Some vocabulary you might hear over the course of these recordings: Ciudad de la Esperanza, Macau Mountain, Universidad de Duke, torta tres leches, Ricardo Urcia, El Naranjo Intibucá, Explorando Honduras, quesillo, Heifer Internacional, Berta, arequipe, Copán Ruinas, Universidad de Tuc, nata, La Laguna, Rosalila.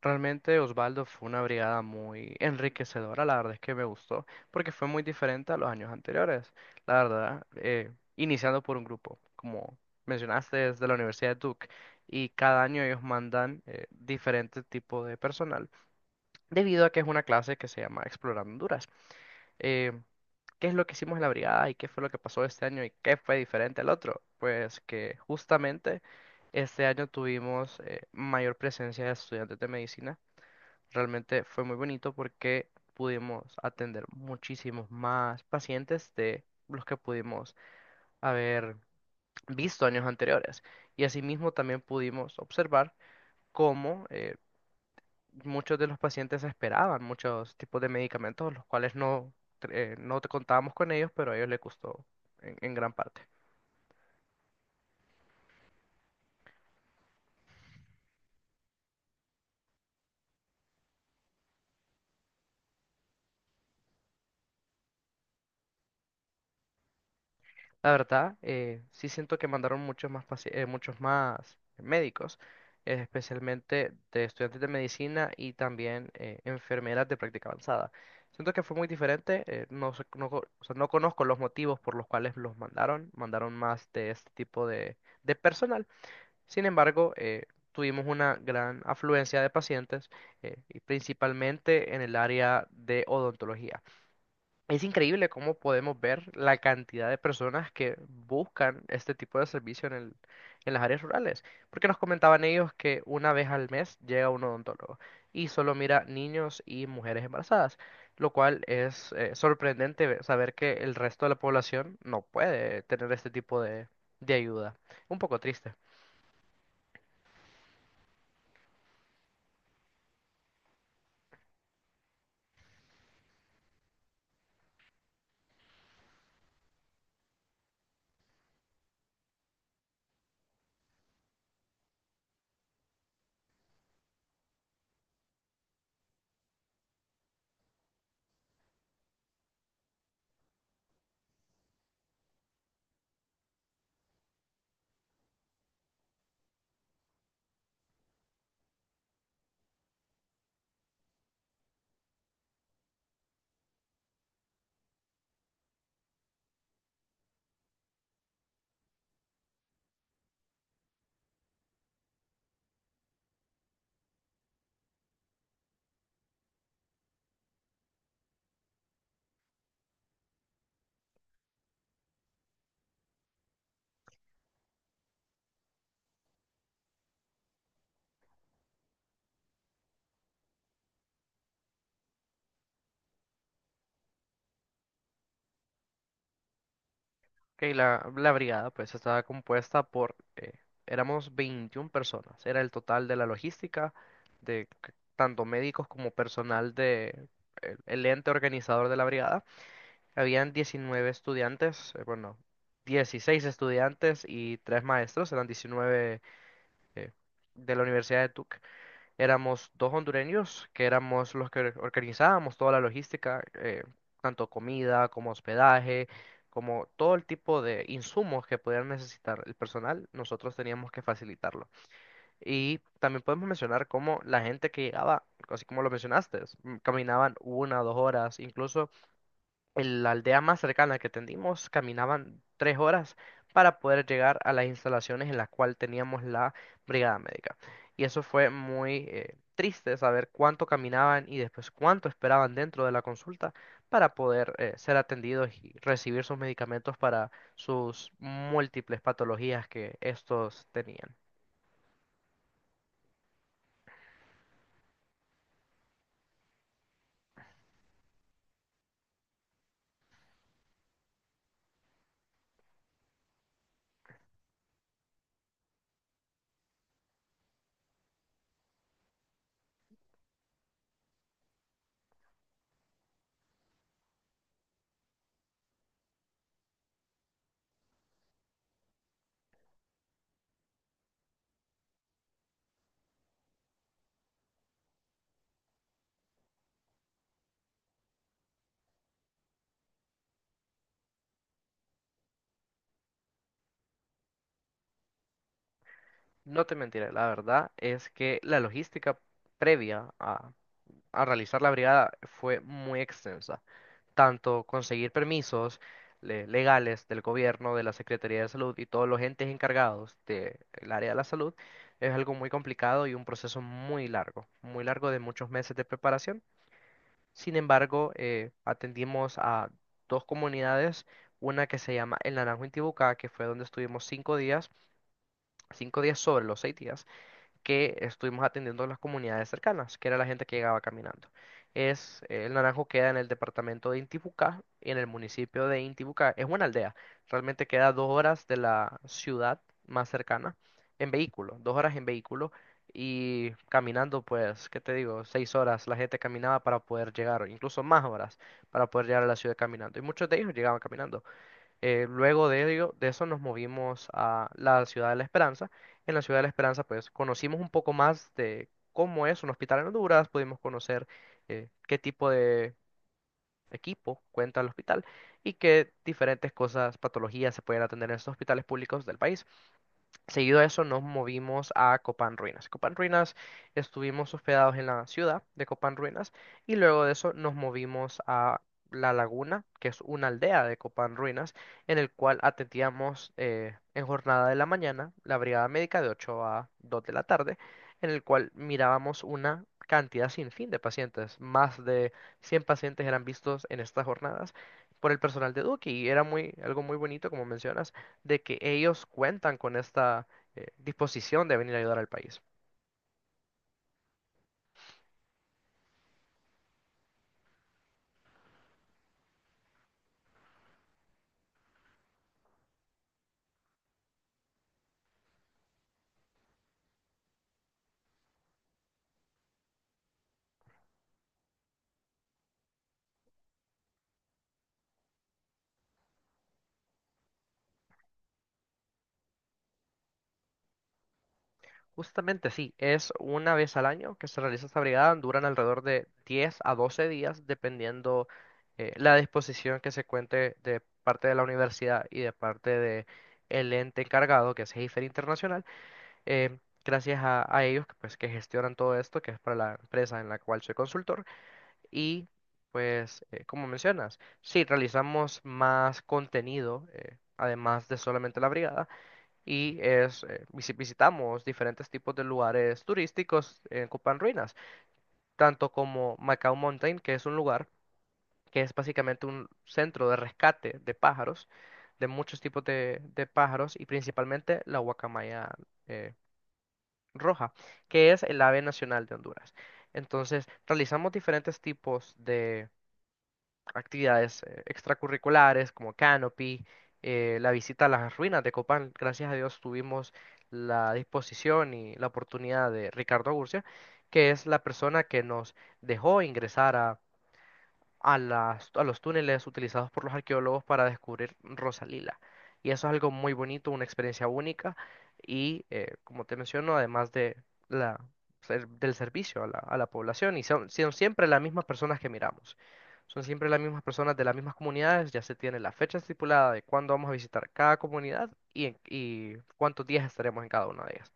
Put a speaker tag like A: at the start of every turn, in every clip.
A: Realmente, Osvaldo, fue una brigada muy enriquecedora. La verdad es que me gustó, porque fue muy diferente a los años anteriores, la verdad. Iniciando por un grupo, como mencionaste, es de la Universidad de Duke, y cada año ellos mandan diferente tipo de personal, debido a que es una clase que se llama Explorando Honduras. Eh, ¿Qué es lo que hicimos en la brigada y qué fue lo que pasó este año y qué fue diferente al otro? Pues que justamente este año tuvimos mayor presencia de estudiantes de medicina. Realmente fue muy bonito porque pudimos atender muchísimos más pacientes de los que pudimos haber visto años anteriores. Y asimismo también pudimos observar cómo, muchos de los pacientes esperaban muchos tipos de medicamentos, los cuales no, no contábamos con ellos, pero a ellos les gustó en gran parte. La verdad, sí siento que mandaron muchos más, muchos más médicos, especialmente de estudiantes de medicina, y también enfermeras de práctica avanzada. Siento que fue muy diferente. O sea, no conozco los motivos por los cuales los mandaron, mandaron más de este tipo de personal. Sin embargo, tuvimos una gran afluencia de pacientes, y principalmente en el área de odontología. Es increíble cómo podemos ver la cantidad de personas que buscan este tipo de servicio en las áreas rurales. Porque nos comentaban ellos que una vez al mes llega un odontólogo y solo mira niños y mujeres embarazadas, lo cual es, sorprendente saber que el resto de la población no puede tener este tipo de ayuda. Un poco triste. Ok, la brigada pues estaba compuesta por, éramos 21 personas, era el total de la logística, tanto médicos como personal de el ente organizador de la brigada. Habían 19 estudiantes, bueno, 16 estudiantes y 3 maestros, eran 19, eh, de la Universidad de Tuc. Éramos dos hondureños que éramos los que organizábamos toda la logística, tanto comida como hospedaje, como todo el tipo de insumos que pudieran necesitar el personal, nosotros teníamos que facilitarlo. Y también podemos mencionar cómo la gente que llegaba, así como lo mencionaste, caminaban una o dos horas, incluso en la aldea más cercana que atendimos caminaban tres horas para poder llegar a las instalaciones en las cuales teníamos la brigada médica. Y eso fue muy, triste saber cuánto caminaban y después cuánto esperaban dentro de la consulta para poder, ser atendidos y recibir sus medicamentos para sus múltiples patologías que estos tenían. No te mentiré, la verdad es que la logística previa a realizar la brigada fue muy extensa. Tanto conseguir permisos legales del gobierno, de la Secretaría de Salud y todos los entes encargados del área de la salud, es algo muy complicado y un proceso muy largo, muy largo, de muchos meses de preparación. Sin embargo, atendimos a dos comunidades, una que se llama El Naranjo Intibucá, que fue donde estuvimos cinco días sobre los seis días, que estuvimos atendiendo a las comunidades cercanas, que era la gente que llegaba caminando. Es, el Naranjo queda en el departamento de Intibucá, en el municipio de Intibucá. Es una aldea, realmente queda dos horas de la ciudad más cercana en vehículo, dos horas en vehículo, y caminando, pues, ¿qué te digo? Seis horas la gente caminaba para poder llegar, o incluso más horas para poder llegar a la ciudad caminando. Y muchos de ellos llegaban caminando. Luego de eso nos movimos a la Ciudad de la Esperanza. En la Ciudad de la Esperanza pues conocimos un poco más de cómo es un hospital en Honduras, pudimos conocer qué tipo de equipo cuenta el hospital y qué diferentes cosas, patologías se pueden atender en estos hospitales públicos del país. Seguido a eso nos movimos a Copán Ruinas. Copán Ruinas, estuvimos hospedados en la ciudad de Copán Ruinas, y luego de eso nos movimos a La Laguna, que es una aldea de Copán Ruinas, en el cual atendíamos, en jornada de la mañana la brigada médica de 8 a 2 de la tarde, en el cual mirábamos una cantidad sin fin de pacientes. Más de 100 pacientes eran vistos en estas jornadas por el personal de Duque, y era muy, algo muy bonito, como mencionas, de que ellos cuentan con esta, disposición de venir a ayudar al país. Justamente sí, es una vez al año que se realiza esta brigada, duran alrededor de 10 a 12 días, dependiendo la disposición que se cuente de parte de la universidad y de parte de el ente encargado, que es Heifer Internacional. eh, Gracias a ellos, que, pues, que gestionan todo esto, que es para la empresa en la cual soy consultor. Y pues, como mencionas, sí, realizamos más contenido, además de solamente la brigada, y es, visitamos diferentes tipos de lugares turísticos en Copán Ruinas, tanto como Macau Mountain, que es un lugar que es básicamente un centro de rescate de pájaros, de muchos tipos de pájaros, y principalmente la guacamaya eh, roja, que es el ave nacional de Honduras. Entonces, realizamos diferentes tipos actividades extracurriculares como canopy, la visita a las ruinas de Copán. Gracias a Dios tuvimos la disposición y la oportunidad de Ricardo Urcia, que es la persona que nos dejó ingresar a los túneles utilizados por los arqueólogos para descubrir Rosalila. Y eso es algo muy bonito, una experiencia única. Y, como te menciono, además de la, del servicio a la población, y son, son siempre las mismas personas que miramos. Son siempre las mismas personas de las mismas comunidades, ya se tiene la fecha estipulada de cuándo vamos a visitar cada comunidad y cuántos días estaremos en cada una de ellas.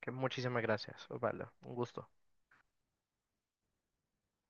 A: Que muchísimas gracias, Osvaldo. Un gusto.